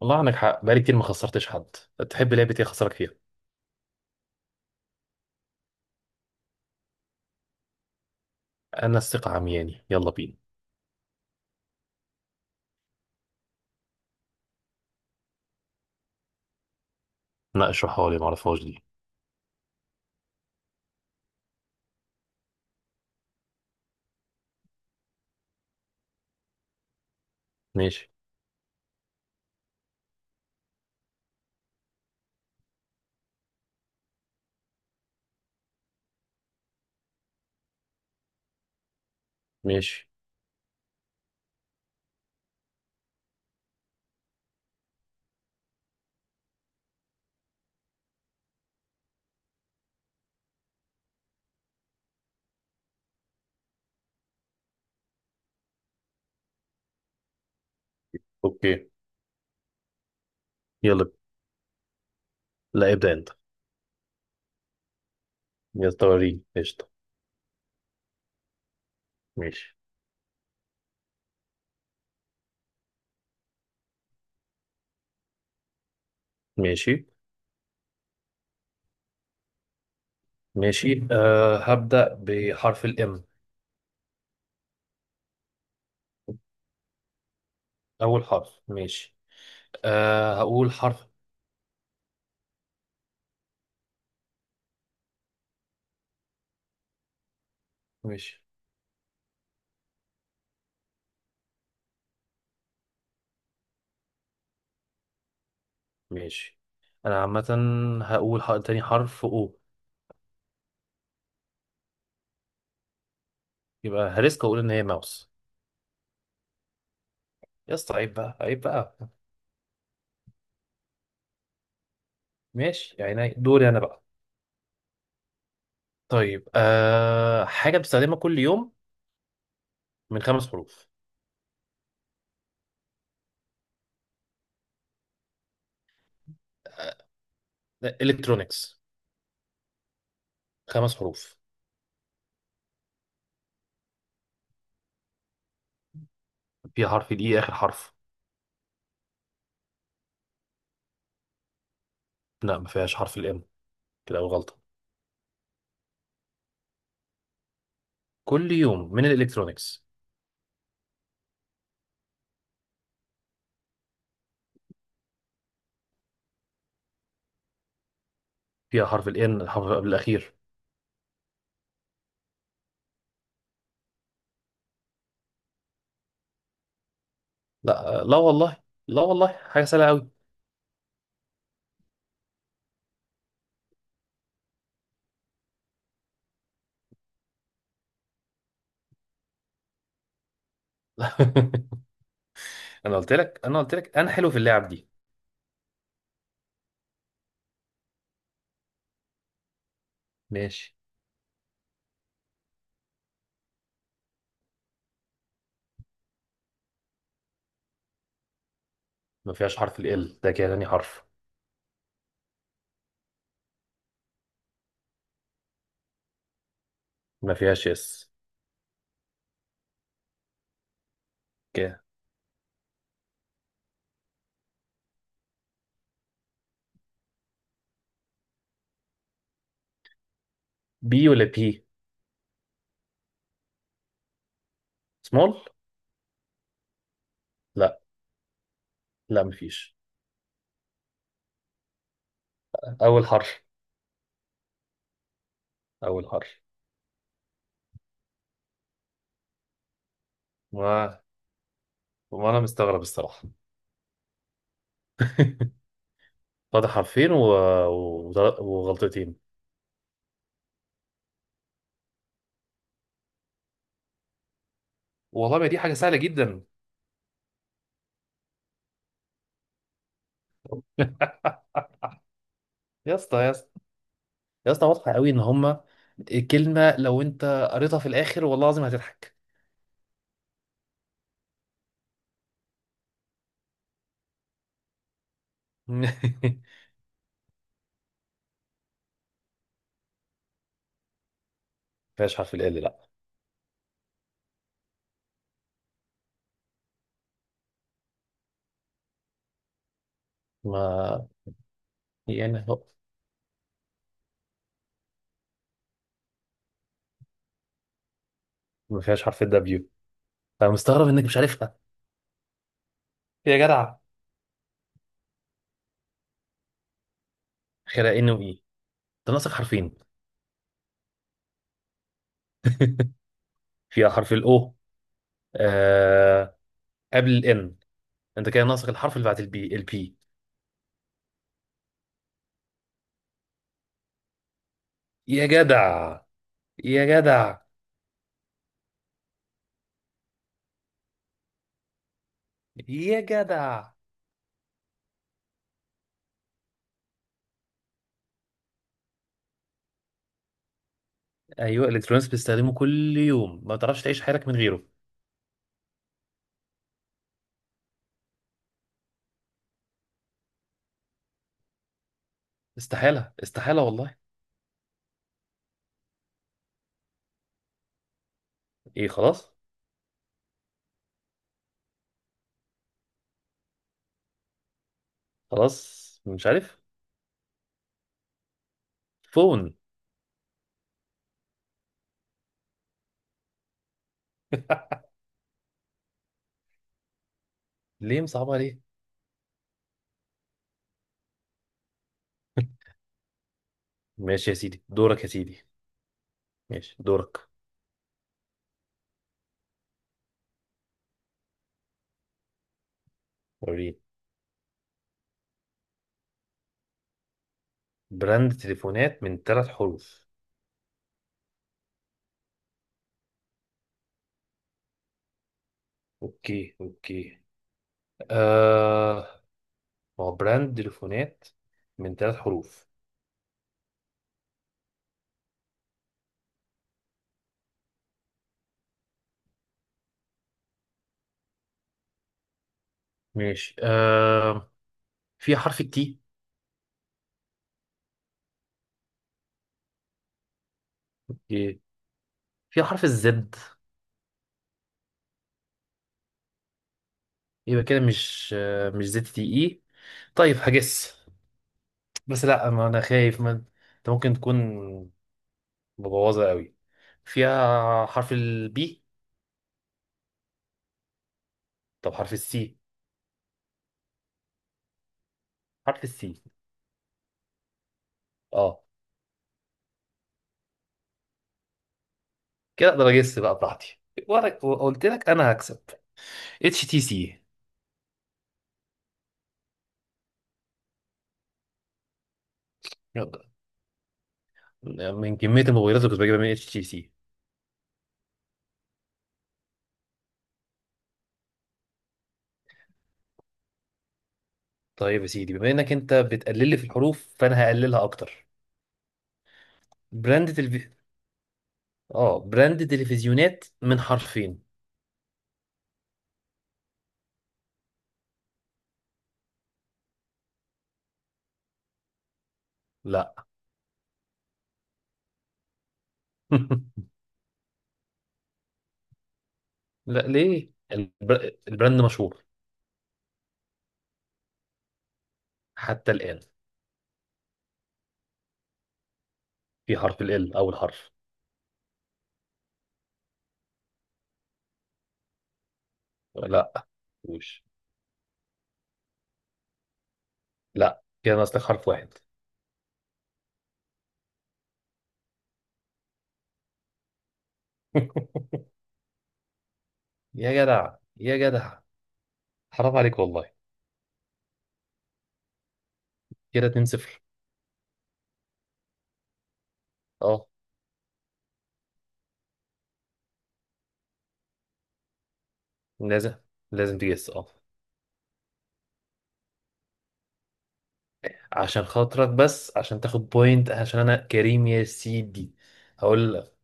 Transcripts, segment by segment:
والله عندك حق، بقالي كتير ما خسرتش حد. تحب لعبة ايه اخسرك فيها؟ انا الثقة عمياني، يلا بينا. لا اشرحها لي، ما اعرفهاش دي. ماشي ماشي. اوكي يلا بينا. لا ابدأ انت. يلا وريني قشطة. ماشي ماشي ماشي. هبدأ بحرف الام. اول حرف ماشي. هقول حرف. ماشي ماشي. انا عامة هقول حق... تاني حرف او. يبقى هريسك اقول ان هي ماوس. يا اسطى عيب بقى عيب بقى. ماشي، يعني دوري انا بقى. طيب، حاجة بستخدمها كل يوم، من خمس حروف. أه الكترونيكس. خمس حروف. فيها حرف الإي آخر حرف. لا، ما فيهاش حرف الإم. كده أول غلطة. كل يوم من الإلكترونيكس. فيها حرف الإن، الحرف قبل الأخير. لا والله. لا والله، حاجة سهلة أوي. أنا قلت لك أنا حلو في اللعب دي. ماشي. ما فيهاش حرف ال L، ده كده تاني حرف. ما فيهاش اس. كده بي ولا بي سمول؟ لا لا، ما فيش. أول حرف. أول حرف. وانا مستغرب الصراحه. فاضح حرفين و... و... وغلطتين. والله ما دي حاجه سهله جدا. يا اسطى يا اسطى يا اسطى، واضحه قوي ان هما كلمه لو انت قريتها في الاخر والله العظيم هتضحك. ما فيهاش حرف ال L. لا ما يعني هو ما فيهاش حرف الدبليو. انا مستغرب انك مش عارفها. يا جدع، اخرها ان وايه، انت ناقصك حرفين. فيها حرف الاو. آه... قبل الان. انت كده ناقصك الحرف اللي بعد البي. يا جدع يا جدع يا جدع. ايوه الالكترونيكس بيستخدمه كل يوم، ما تعرفش تعيش حياتك من غيره. استحاله، استحاله والله. ايه خلاص. خلاص مش عارف. فون. ليه مصعبها ليه؟ ماشي يا سيدي، دورك يا سيدي. ماشي دورك. وريني. براند تليفونات من ثلاث حروف. اوكي. آه، ما هو براند تليفونات من ثلاث حروف. ماشي. آه، في حرف التي. اوكي. في حرف الزد. يبقى كده مش، مش زد تي اي. طيب هجس. بس لا، ما انا خايف ما انت ممكن تكون مبوظه قوي. فيها حرف البي. طب حرف السي. حرف السي. اه. كده اقدر اجس بقى براحتي، وانا قلت لك انا هكسب. اتش تي سي. من كميه الموبايلات اللي كنت بجيبها من اتش تي سي. طيب يا سيدي، بما انك انت بتقلل لي في الحروف فانا هقللها اكتر. براند تلفي... اه براند تلفزيونات من حرفين. لا. لا، ليه؟ البر... البراند مشهور حتى الآن. في حرف ال L أول حرف. لا. وش؟ لا، كده ناقص لك حرف واحد. يا جدع، حرام عليك والله. كده 2-0. اه. لازم لازم تجس اه. عشان خاطرك بس، عشان تاخد بوينت، عشان انا كريم يا سيدي. هقول لك.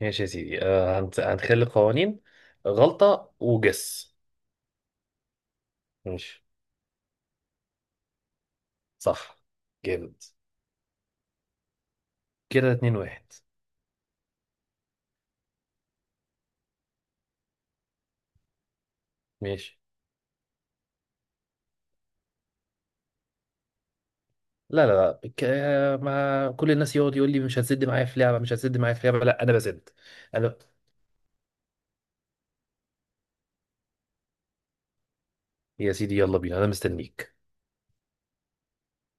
ماشي يا سيدي. آه هنخلي قوانين. غلطة وجس. ماشي. صح. جامد. كده 2-1. ماشي. لا، بك... ما كل الناس يقعد يقول لي مش هتسد معايا في لعبه، مش هتسد معايا في لعبه. لا انا بسد. انا يا سيدي يلا بينا، انا مستنيك.